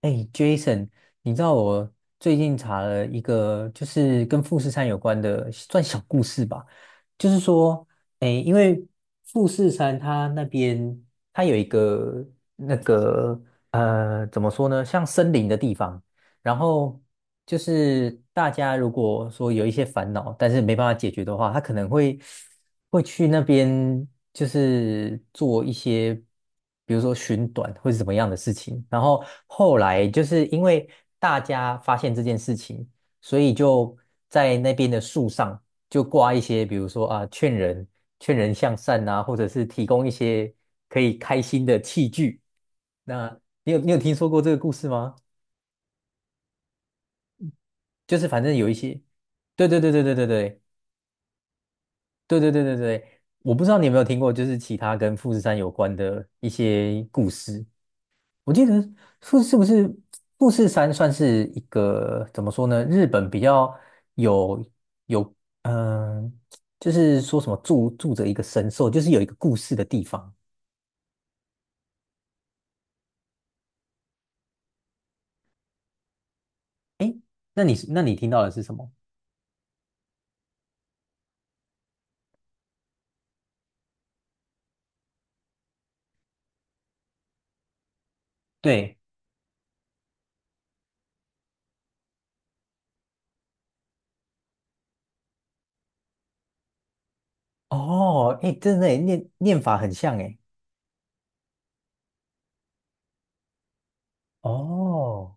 哎，Jason，你知道我最近查了一个，就是跟富士山有关的，算小故事吧。就是说，哎，因为富士山它那边它有一个那个怎么说呢，像森林的地方，然后就是大家如果说有一些烦恼，但是没办法解决的话，他可能会去那边，就是做一些，比如说寻短或是怎么样的事情。然后后来就是因为大家发现这件事情，所以就在那边的树上就挂一些，比如说啊，劝人向善啊，或者是提供一些可以开心的器具。那你有听说过这个故事吗？就是反正有一些，对对对对对对对对对对对对，我不知道你有没有听过，就是其他跟富士山有关的一些故事。我记得是不是富士山算是一个怎么说呢？日本比较有有嗯、呃就是说什么住着一个神兽，就是有一个故事的地方。那你听到的是什么？对，哦，哎，真的耶念法很像哎，哦。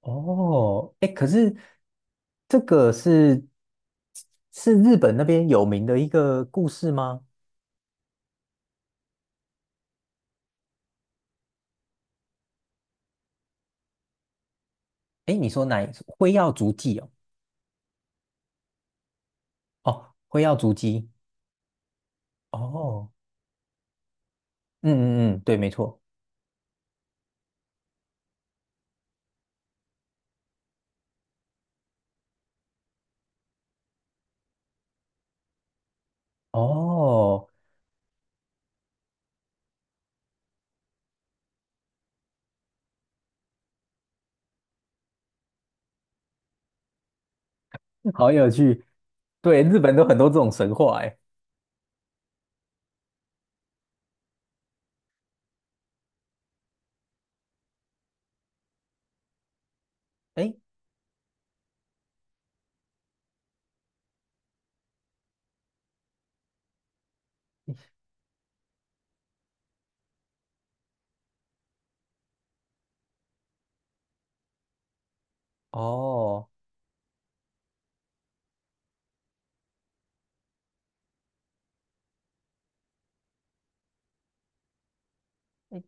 哦，哎，可是这个是日本那边有名的一个故事吗？哎，你说哪一？辉耀足迹哦，哦，辉耀足迹，哦，嗯嗯嗯，对，没错，哦，好有趣，对，日本都很多这种神话，哎，哎，哦，哎，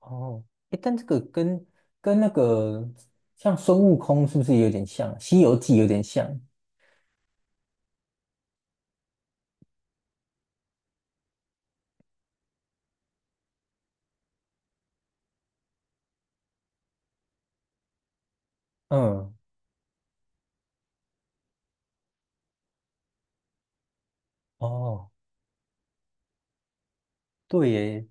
哦，哎，但这个跟那个像孙悟空是不是有点像？《西游记》有点像，嗯，哦，对耶。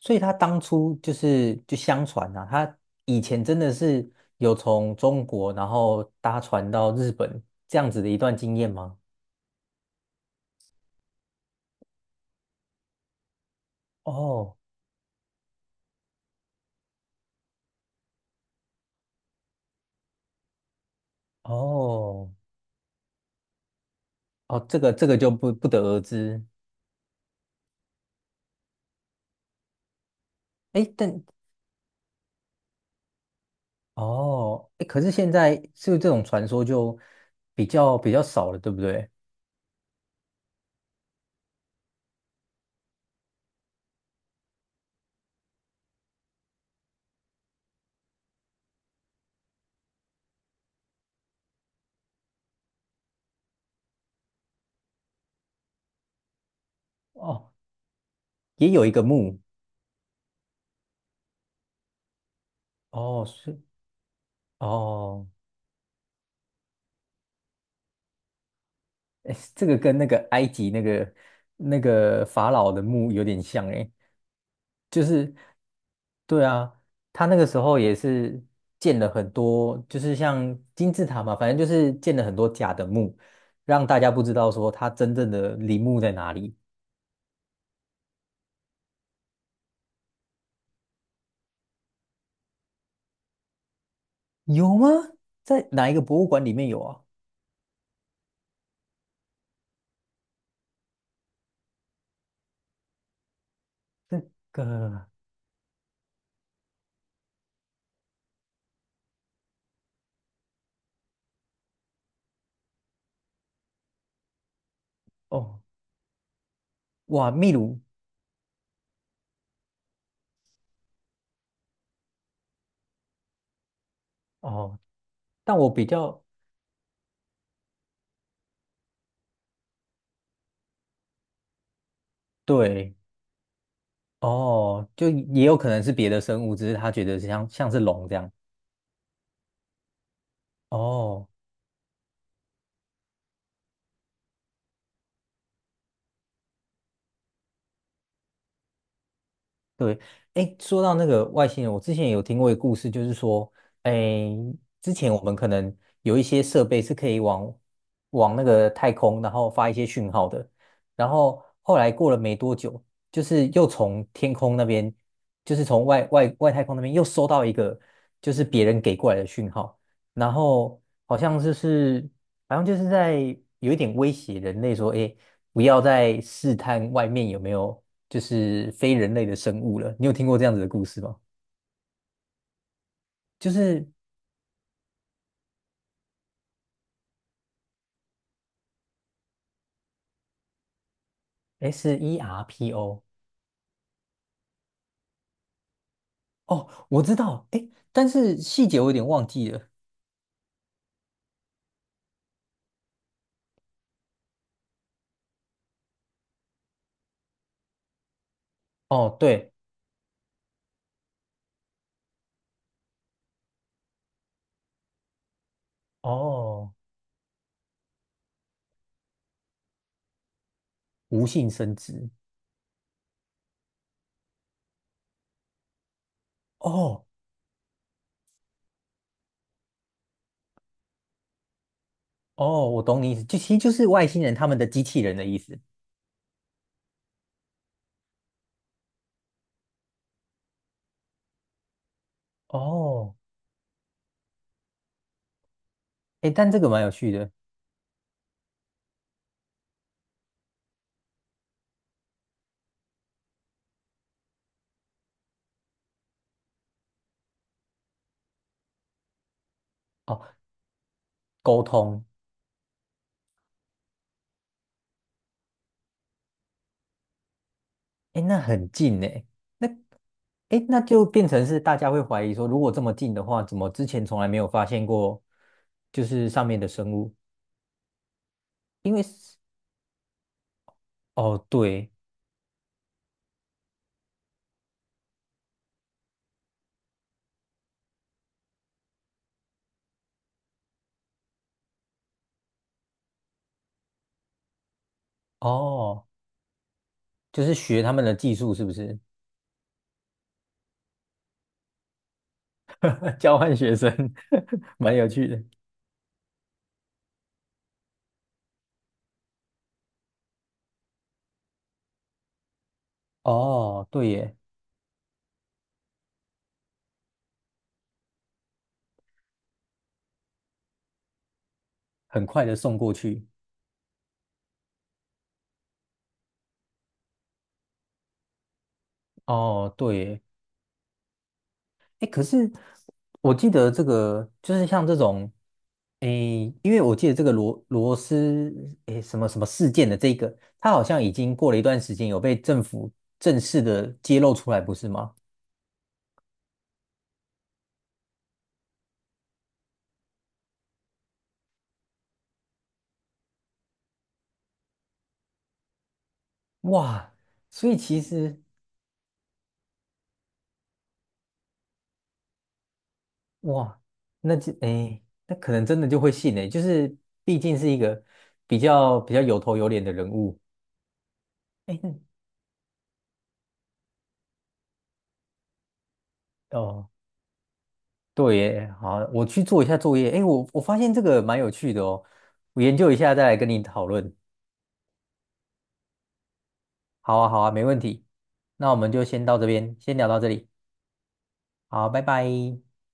所以他当初就是就相传啊，他以前真的是有从中国然后搭船到日本这样子的一段经验吗？哦哦哦，这个就不得而知。哎，但哦哎，可是现在是不是这种传说就比较少了，对不对？哦，也有一个墓哦，是哦，哎，这个跟那个埃及那个法老的墓有点像哎。就是对啊，他那个时候也是建了很多，就是像金字塔嘛，反正就是建了很多假的墓，让大家不知道说他真正的陵墓在哪里。有吗？在哪一个博物馆里面有啊？那个哦，哇，秘鲁哦，但我比较对哦，就也有可能是别的生物，只是他觉得像是龙这样哦。对，哎，说到那个外星人，我之前也有听过一个故事，就是说，哎，之前我们可能有一些设备是可以往那个太空，然后发一些讯号的，然后后来过了没多久，就是又从天空那边，就是从外太空那边又收到一个，就是别人给过来的讯号，然后好像就是在有一点威胁人类说，哎，不要再试探外面有没有。就是非人类的生物了。你有听过这样子的故事吗？就是 SERPO。哦，我知道，哎，但是细节我有点忘记了。哦，对，哦，无性生殖。哦哦，我懂你意思，就其实就是外星人他们的机器人的意思。哦，哎，但这个蛮有趣的。哦，沟通，哎，那很近哎。那哎，那就变成是大家会怀疑说，如果这么近的话，怎么之前从来没有发现过，就是上面的生物？因为哦，对，哦，就是学他们的技术，是不是？交换学生，蛮有趣的。哦，对耶，很快的送过去。哦，对耶，哎，可是我记得这个，就是像这种，诶，因为我记得这个罗斯，诶，什么什么事件的这个，它好像已经过了一段时间，有被政府正式的揭露出来，不是吗？哇，所以其实。哇，那就诶，那可能真的就会信诶，就是毕竟是一个比较有头有脸的人物。诶，那哦，对耶，好，我去做一下作业。诶，我发现这个蛮有趣的哦，我研究一下再来跟你讨论。好啊，好啊，没问题。那我们就先到这边，先聊到这里。好，拜拜。